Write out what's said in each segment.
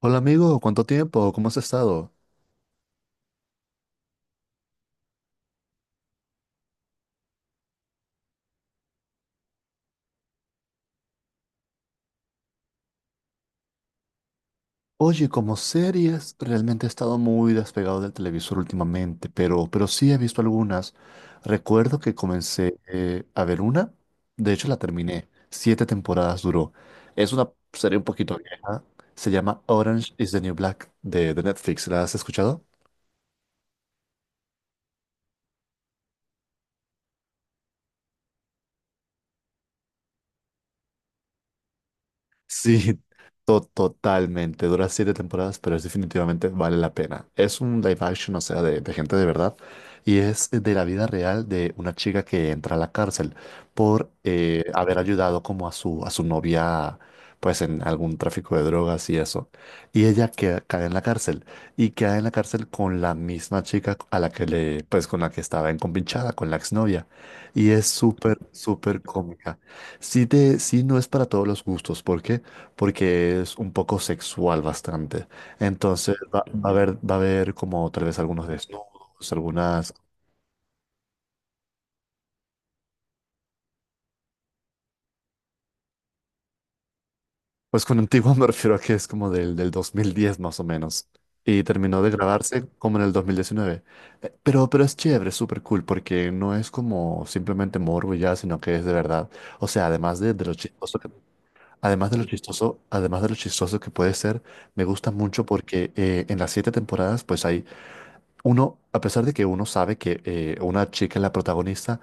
Hola amigo, ¿cuánto tiempo? ¿Cómo has estado? Oye, como series, realmente he estado muy despegado del televisor últimamente, pero sí he visto algunas. Recuerdo que comencé a ver una, de hecho la terminé, siete temporadas duró. Es una serie un poquito vieja, se llama Orange is the New Black de Netflix, ¿la has escuchado? Sí, totalmente. Dura siete temporadas, pero es definitivamente vale la pena. Es un live action, o sea, de gente de verdad. Y es de la vida real de una chica que entra a la cárcel por haber ayudado como a su novia, pues en algún tráfico de drogas y eso. Y ella cae en la cárcel. Y queda en la cárcel con la misma chica a la que le, pues con la que estaba encompinchada, con la exnovia. Y es súper, súper cómica. Sí, te, sí, no es para todos los gustos. ¿Por qué? Porque es un poco sexual bastante. Entonces va a haber como tal vez algunos desnudos, algunas... Pues con antiguo me refiero a que es como del 2010 más o menos. Y terminó de grabarse como en el 2019. Pero es chévere, es súper cool, porque no es como simplemente morbo y ya, sino que es de verdad. O sea, además de lo chistoso que- además de lo chistoso, además de lo chistoso que puede ser, me gusta mucho porque en las siete temporadas pues hay uno, a pesar de que uno sabe que una chica es la protagonista,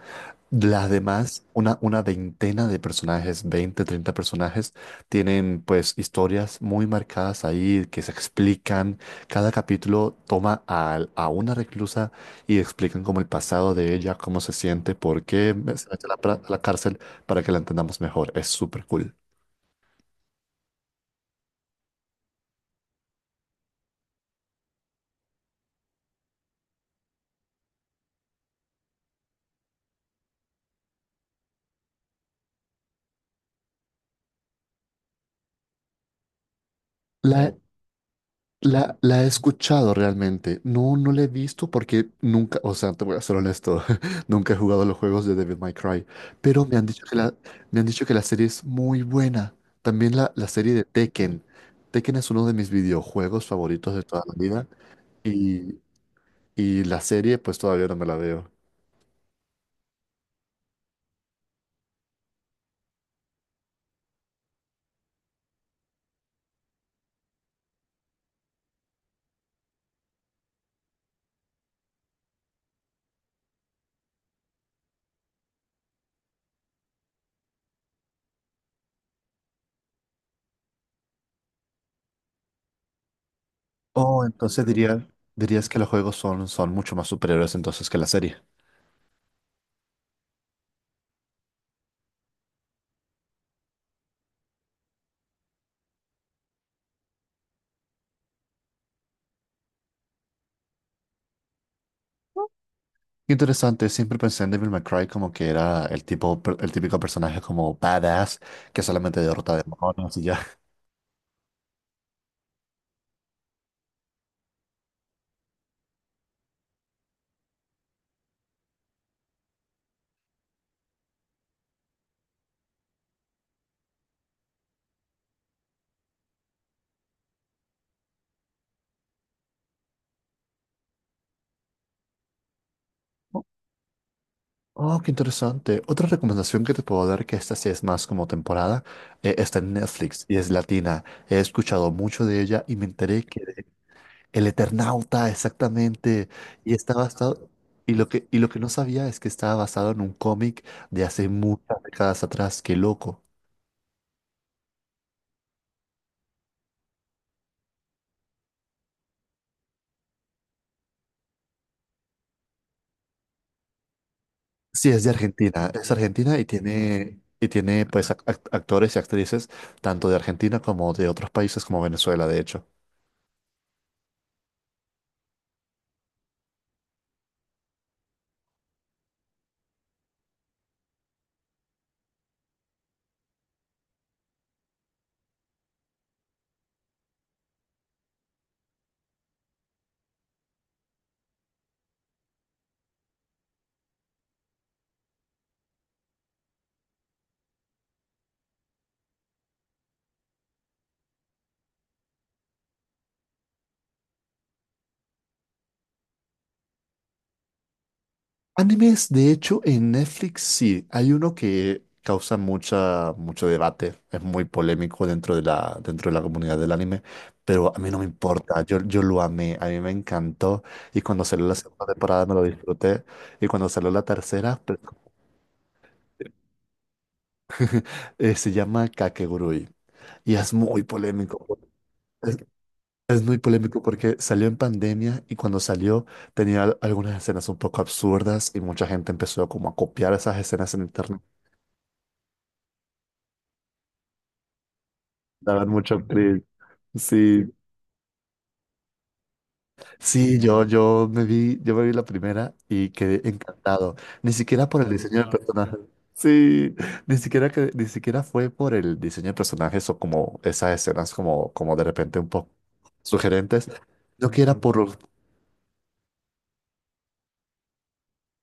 las demás, una veintena de personajes, 20, 30 personajes, tienen pues historias muy marcadas ahí que se explican. Cada capítulo toma a una reclusa y explican como el pasado de ella, cómo se siente, por qué se mete a la, a la cárcel, para que la entendamos mejor. Es súper cool. La, la he escuchado realmente. No, no la he visto porque nunca, o sea, te voy a ser honesto, nunca he jugado los juegos de Devil May Cry, pero me han dicho me han dicho que la serie es muy buena. También la serie de Tekken. Tekken es uno de mis videojuegos favoritos de toda la vida y, y la serie pues todavía no me la veo. Oh, entonces diría, dirías que los juegos son, son mucho más superiores entonces que la serie. Qué interesante, siempre pensé en Devil May Cry como que era el tipo, el típico personaje como badass que solamente derrota demonios y ya. Oh, oh, qué interesante. Otra recomendación que te puedo dar, que esta sí es más como temporada, está en Netflix y es latina. He escuchado mucho de ella y me enteré que de El Eternauta, exactamente. Y está basado, y lo que no sabía es que estaba basado en un cómic de hace muchas décadas atrás. Qué loco. Sí, es de Argentina, es argentina y tiene pues actores y actrices tanto de Argentina como de otros países como Venezuela, de hecho. Animes, de hecho, en Netflix sí, hay uno que causa mucha, mucho debate, es muy polémico dentro de la comunidad del anime, pero a mí no me importa, yo lo amé, a mí me encantó y cuando salió la segunda temporada me lo disfruté y cuando salió la tercera, pues, se llama Kakegurui y es muy polémico. Es muy polémico porque salió en pandemia y cuando salió tenía algunas escenas un poco absurdas y mucha gente empezó como a copiar esas escenas en internet. Daban mucho cringe. Sí, sí, yo me vi la primera y quedé encantado. Ni siquiera por el diseño del personaje. Sí, ni siquiera que, ni siquiera fue por el diseño de personajes o como esas escenas como, como de repente un poco sugerentes. No que era por,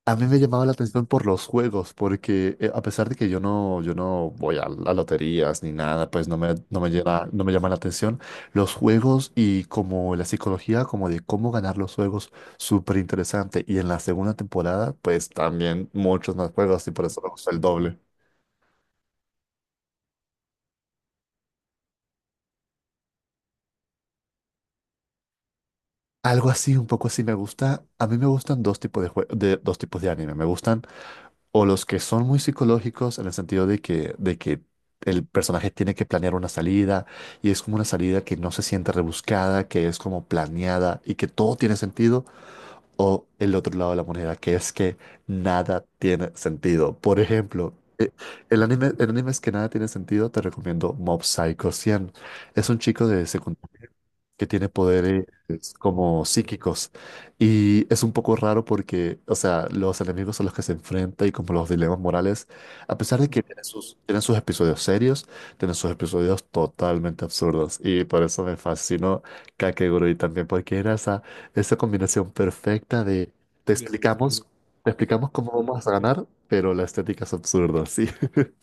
A mí me llamaba la atención por los juegos, porque a pesar de que yo no voy a loterías ni nada, pues no me, no me llama la atención. Los juegos y como la psicología, como de cómo ganar los juegos, súper interesante. Y en la segunda temporada, pues también muchos más juegos y por eso me gusta el doble. Algo así, un poco así me gusta. A mí me gustan dos tipos de jue- de dos tipos de anime. Me gustan o los que son muy psicológicos en el sentido de que el personaje tiene que planear una salida y es como una salida que no se siente rebuscada, que es como planeada y que todo tiene sentido, o el otro lado de la moneda, que es que nada tiene sentido. Por ejemplo, el anime es que nada tiene sentido, te recomiendo Mob Psycho 100. Es un chico de secundaria que tiene poderes como psíquicos. Y es un poco raro porque, o sea, los enemigos a los que se enfrenta y como los dilemas morales, a pesar de que tienen sus episodios serios, tienen sus episodios totalmente absurdos. Y por eso me fascinó Kakegurui también, porque era esa combinación perfecta de te De explicamos, te explicamos cómo vamos a ganar, pero la estética es absurda, sí.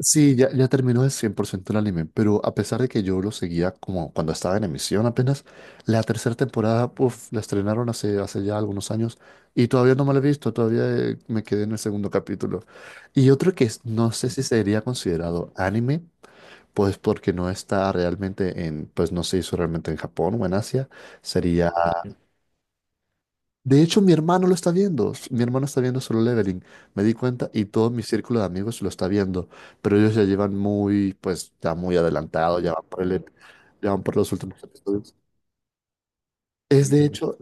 Sí, ya terminó el 100% el anime, pero a pesar de que yo lo seguía como cuando estaba en emisión apenas, la tercera temporada, uf, la estrenaron hace ya algunos años y todavía no me la he visto, todavía me quedé en el segundo capítulo. Y otro que es- no sé si sería considerado anime, pues porque no está realmente en, pues no se hizo realmente en Japón o en Asia, sería de hecho, mi hermano lo está viendo. Mi hermano está viendo Solo Leveling. Me di cuenta y todo mi círculo de amigos lo está viendo. Pero ellos ya llevan muy, pues, ya muy adelantado, ya van por ya van por los últimos episodios. Es de hecho,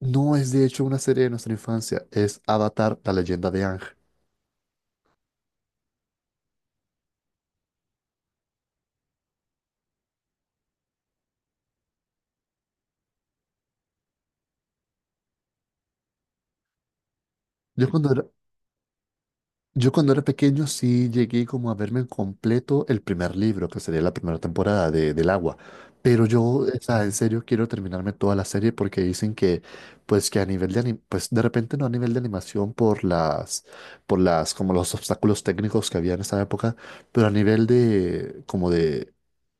no es de hecho una serie de nuestra infancia, es Avatar, la leyenda de Aang. Yo cuando era, Yo cuando era pequeño sí llegué como a verme en completo el primer libro, que sería la primera temporada del Agua. Pero yo, o sea, en serio quiero terminarme toda la serie porque dicen que, pues que a nivel de pues de repente no a nivel de animación por por las, como los obstáculos técnicos que había en esa época, pero a nivel de, como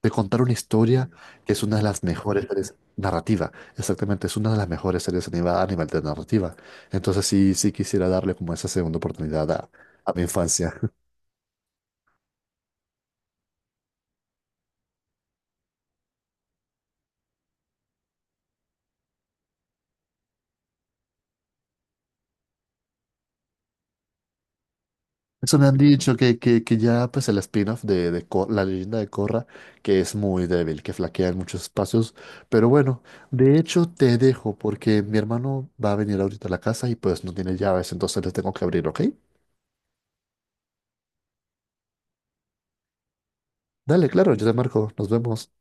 de contar una historia, que es una de las mejores series narrativa, exactamente, es una de las mejores series animadas a nivel de narrativa. Entonces sí, sí quisiera darle como esa segunda oportunidad a mi infancia. Eso me han dicho que ya pues el spin-off de, la leyenda de Korra, que es muy débil, que flaquea en muchos espacios. Pero bueno, de hecho te dejo porque mi hermano va a venir ahorita a la casa y pues no tiene llaves, entonces le tengo que abrir, ¿ok? Dale, claro, yo te marco, nos vemos.